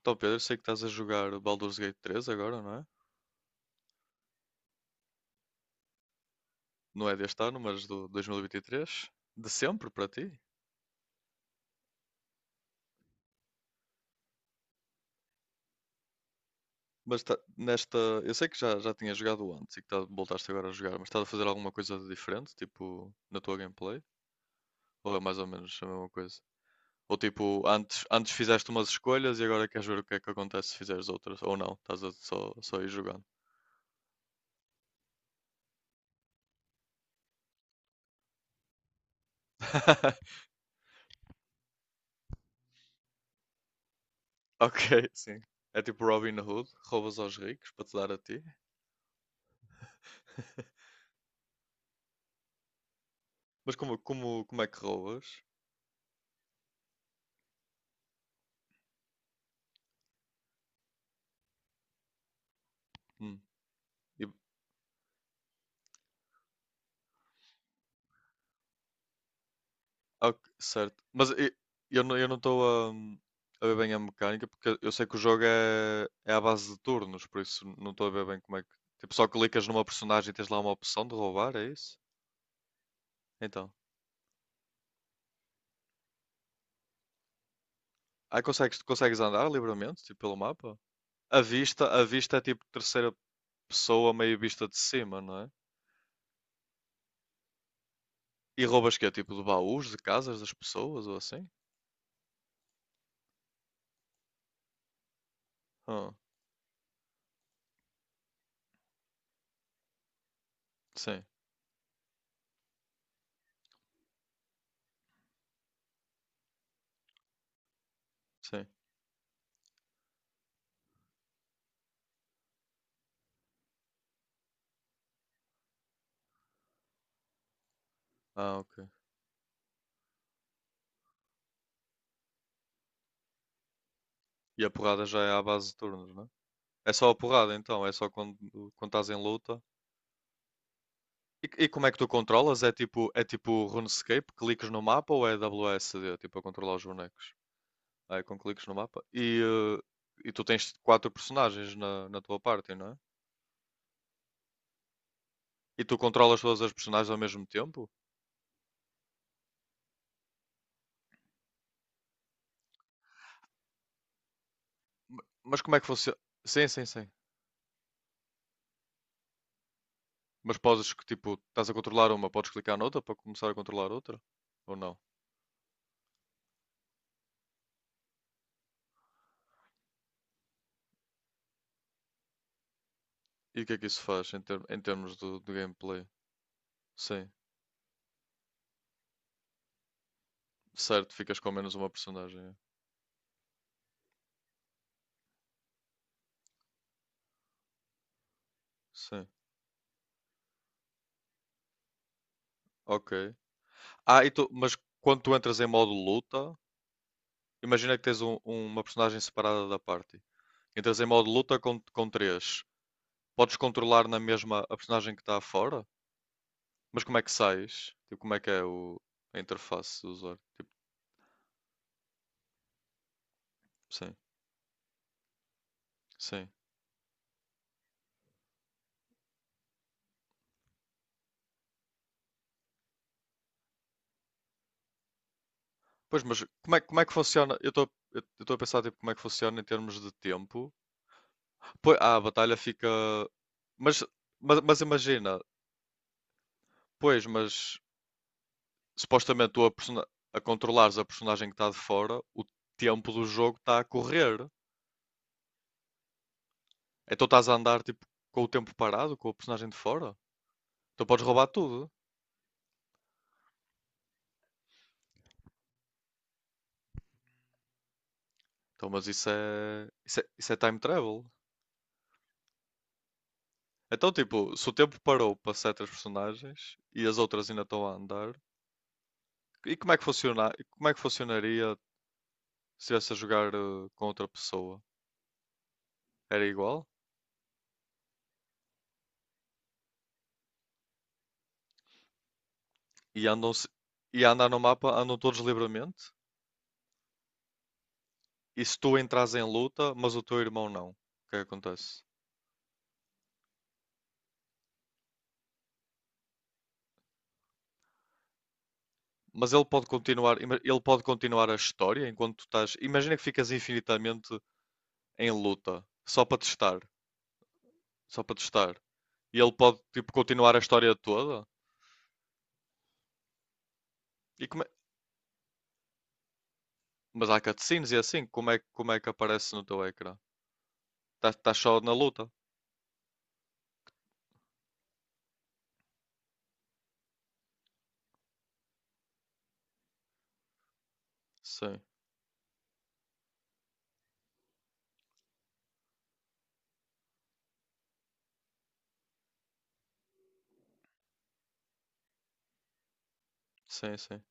Então, Pedro, eu sei que estás a jogar o Baldur's Gate 3 agora, não é? Não é deste ano, mas do 2023. De sempre para ti. Mas nesta. Eu sei que já tinha jogado antes e que voltaste agora a jogar, mas estás a fazer alguma coisa de diferente, tipo, na tua gameplay? Ou é mais ou menos a mesma coisa? Ou tipo, antes fizeste umas escolhas e agora queres ver o que é que acontece se fizeres outras? Ou não, estás a só ir jogando. Ok, sim. É tipo Robin Hood, roubas aos ricos para te dar a ti. Mas como é que roubas? Hum. Ok, certo. Mas eu não estou a ver bem a mecânica, porque eu sei que o jogo é à base de turnos, por isso não estou a ver bem como é que. Tipo, só clicas numa personagem e tens lá uma opção de roubar, é isso? Então. Aí consegues andar livremente, tipo, pelo mapa? A vista é tipo terceira pessoa, meio vista de cima, não é? E roubas que é tipo de baús, de casas das pessoas ou assim? Ah, sim, sim. Ah, ok. E a porrada já é à base de turnos, não é? É só a porrada então, é só quando estás em luta. E como é que tu controlas? É é tipo RuneScape, cliques no mapa ou é W S D tipo a controlar os bonecos? Ah, é com cliques no mapa. E, e tu tens quatro personagens na tua party, não é? E tu controlas todas as personagens ao mesmo tempo? Mas como é que funciona? Sim, sim, sim. Mas podes que tipo, estás a controlar uma, podes clicar noutra para começar a controlar outra? Ou não? E o que é que isso faz em, em termos do gameplay? Sim, certo, ficas com menos uma personagem. É. Sim, ok. Ah, e mas quando tu entras em modo luta, imagina que tens uma personagem separada da party. Entras em modo luta com três. Podes controlar na mesma a personagem que está fora? Mas como é que sais? Tipo, como é que é a interface do usuário? Tipo, sim, sim. Pois, mas como é que funciona? Eu estou a pensar tipo, como é que funciona em termos de tempo. Pois, ah, a batalha fica. Mas, mas imagina, pois, mas supostamente tu a controlares a personagem que está de fora, o tempo do jogo está a correr. Então estás a andar tipo com o tempo parado, com o personagem de fora. Então podes roubar tudo. Então, mas isso é time travel. Então, tipo, se o tempo parou para certas personagens e as outras ainda estão a andar, e como é que funciona, e como é que funcionaria se estivesse a jogar com outra pessoa? Era igual? E andam, se- e a andar no mapa andam todos livremente? E se tu entras em luta, mas o teu irmão não, o que é que acontece? Mas ele pode continuar, ele pode continuar a história enquanto tu estás. Imagina que ficas infinitamente em luta, só para testar. E ele pode tipo continuar a história toda. E mas há cutscenes e assim, como é que aparece no teu ecrã? Estás tá só na luta? Sim, sim, sim.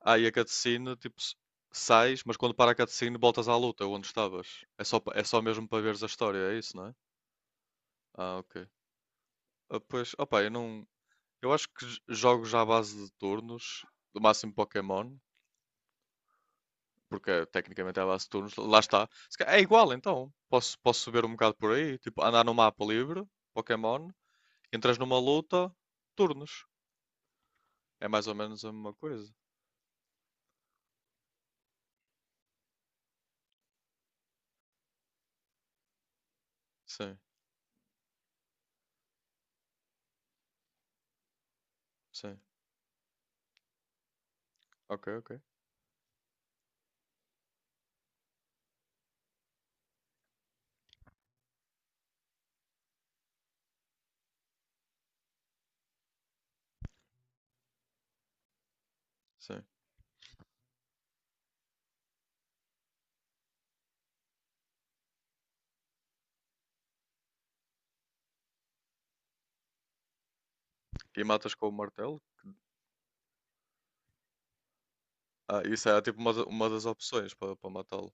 Ah, e a cutscene, tipo, sais, mas quando para a cutscene voltas à luta, onde estavas. É só, é só mesmo para veres a história, é isso, não é? Ah, ok. Ah, pois, opa, eu não. Eu acho que jogo já à base de turnos, do máximo Pokémon, porque tecnicamente é a base de turnos, lá está. Se é igual então, posso subir um bocado por aí, tipo, andar no mapa livre, Pokémon, entras numa luta, turnos. É mais ou menos a mesma coisa. Sim, sim. Ok, ok. Sim. E matas com o martelo? Ah, isso é tipo uma das opções para matá-lo.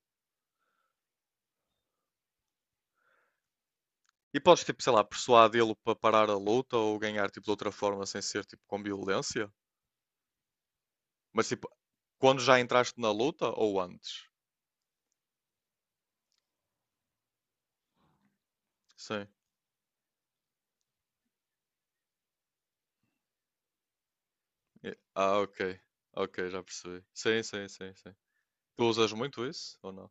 E podes, tipo, sei lá, persuadi-lo para parar a luta ou ganhar, tipo, de outra forma sem ser, tipo, com violência? Mas tipo, quando já entraste na luta ou antes? Sim. Ah, ok. Ok, já percebi. Sim, sim, sim, sim. Tu usas muito isso ou não?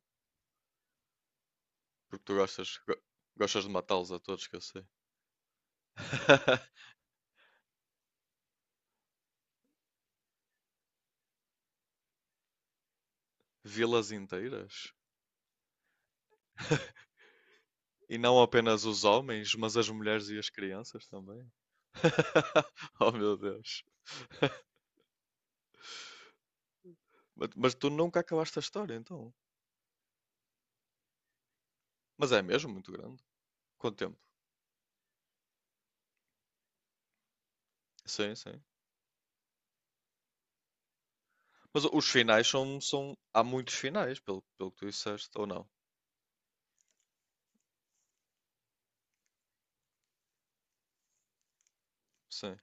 Porque tu gostas de matá-los a todos que eu sei. Vilas inteiras? E não apenas os homens, mas as mulheres e as crianças também. Oh meu Deus. Mas tu nunca acabaste a história, então. Mas é mesmo muito grande. Quanto tempo? Sim, sim. Mas os finais há muitos finais, pelo que tu disseste, ou não? Sim.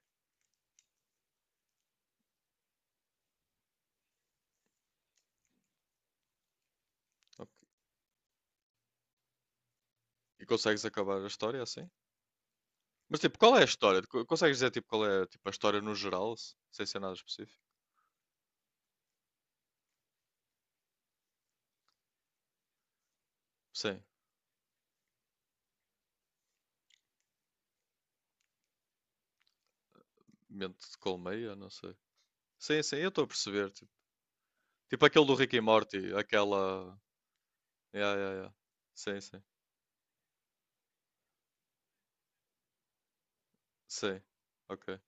Ok. E consegues acabar a história é assim? Mas tipo, qual é a história? Consegues dizer tipo qual é tipo, a história no geral, sem ser nada específico? Sim. Mente de colmeia, não sei. Sim, sim, eu estou a perceber. Tipo aquele do Rick e Morty, aquela. Yeah, yeah, yeah. Sim, sim. Sim. Ok.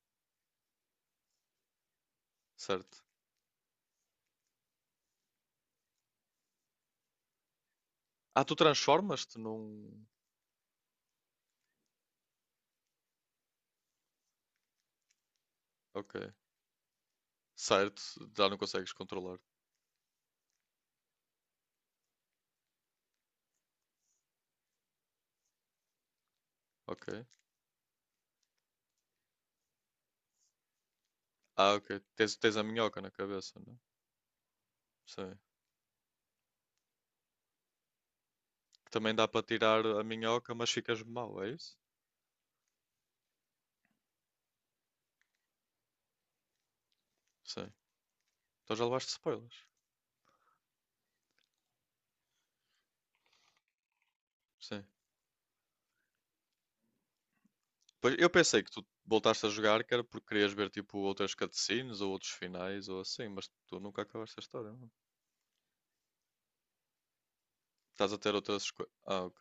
Certo. Ah, tu transformas-te num. Ok. Certo. Já não consegues controlar. Ok. Ah, ok. Tens, tens a minhoca na cabeça, não? É? Sim. Que também dá para tirar a minhoca, mas ficas mau, é isso? Sim. Então já levaste spoilers. Sim. Pois, eu pensei que tu voltaste a jogar que era porque querias ver tipo outras cutscenes ou outros finais ou assim, mas tu nunca acabaste a história. Não? Estás a ter outras coisas. Ah, ok.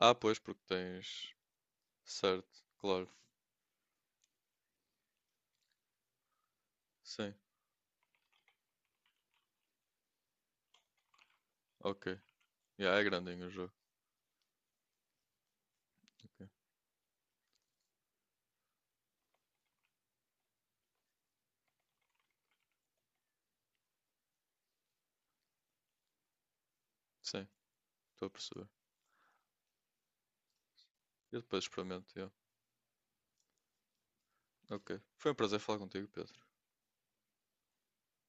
Ah, pois, porque tens. Certo, claro. Sim, ok. Yeah, é grandinho o jogo. Ok. Sim, estou a perceber. Eu depois experimento. Yeah. Ok. Foi um prazer falar contigo, Pedro.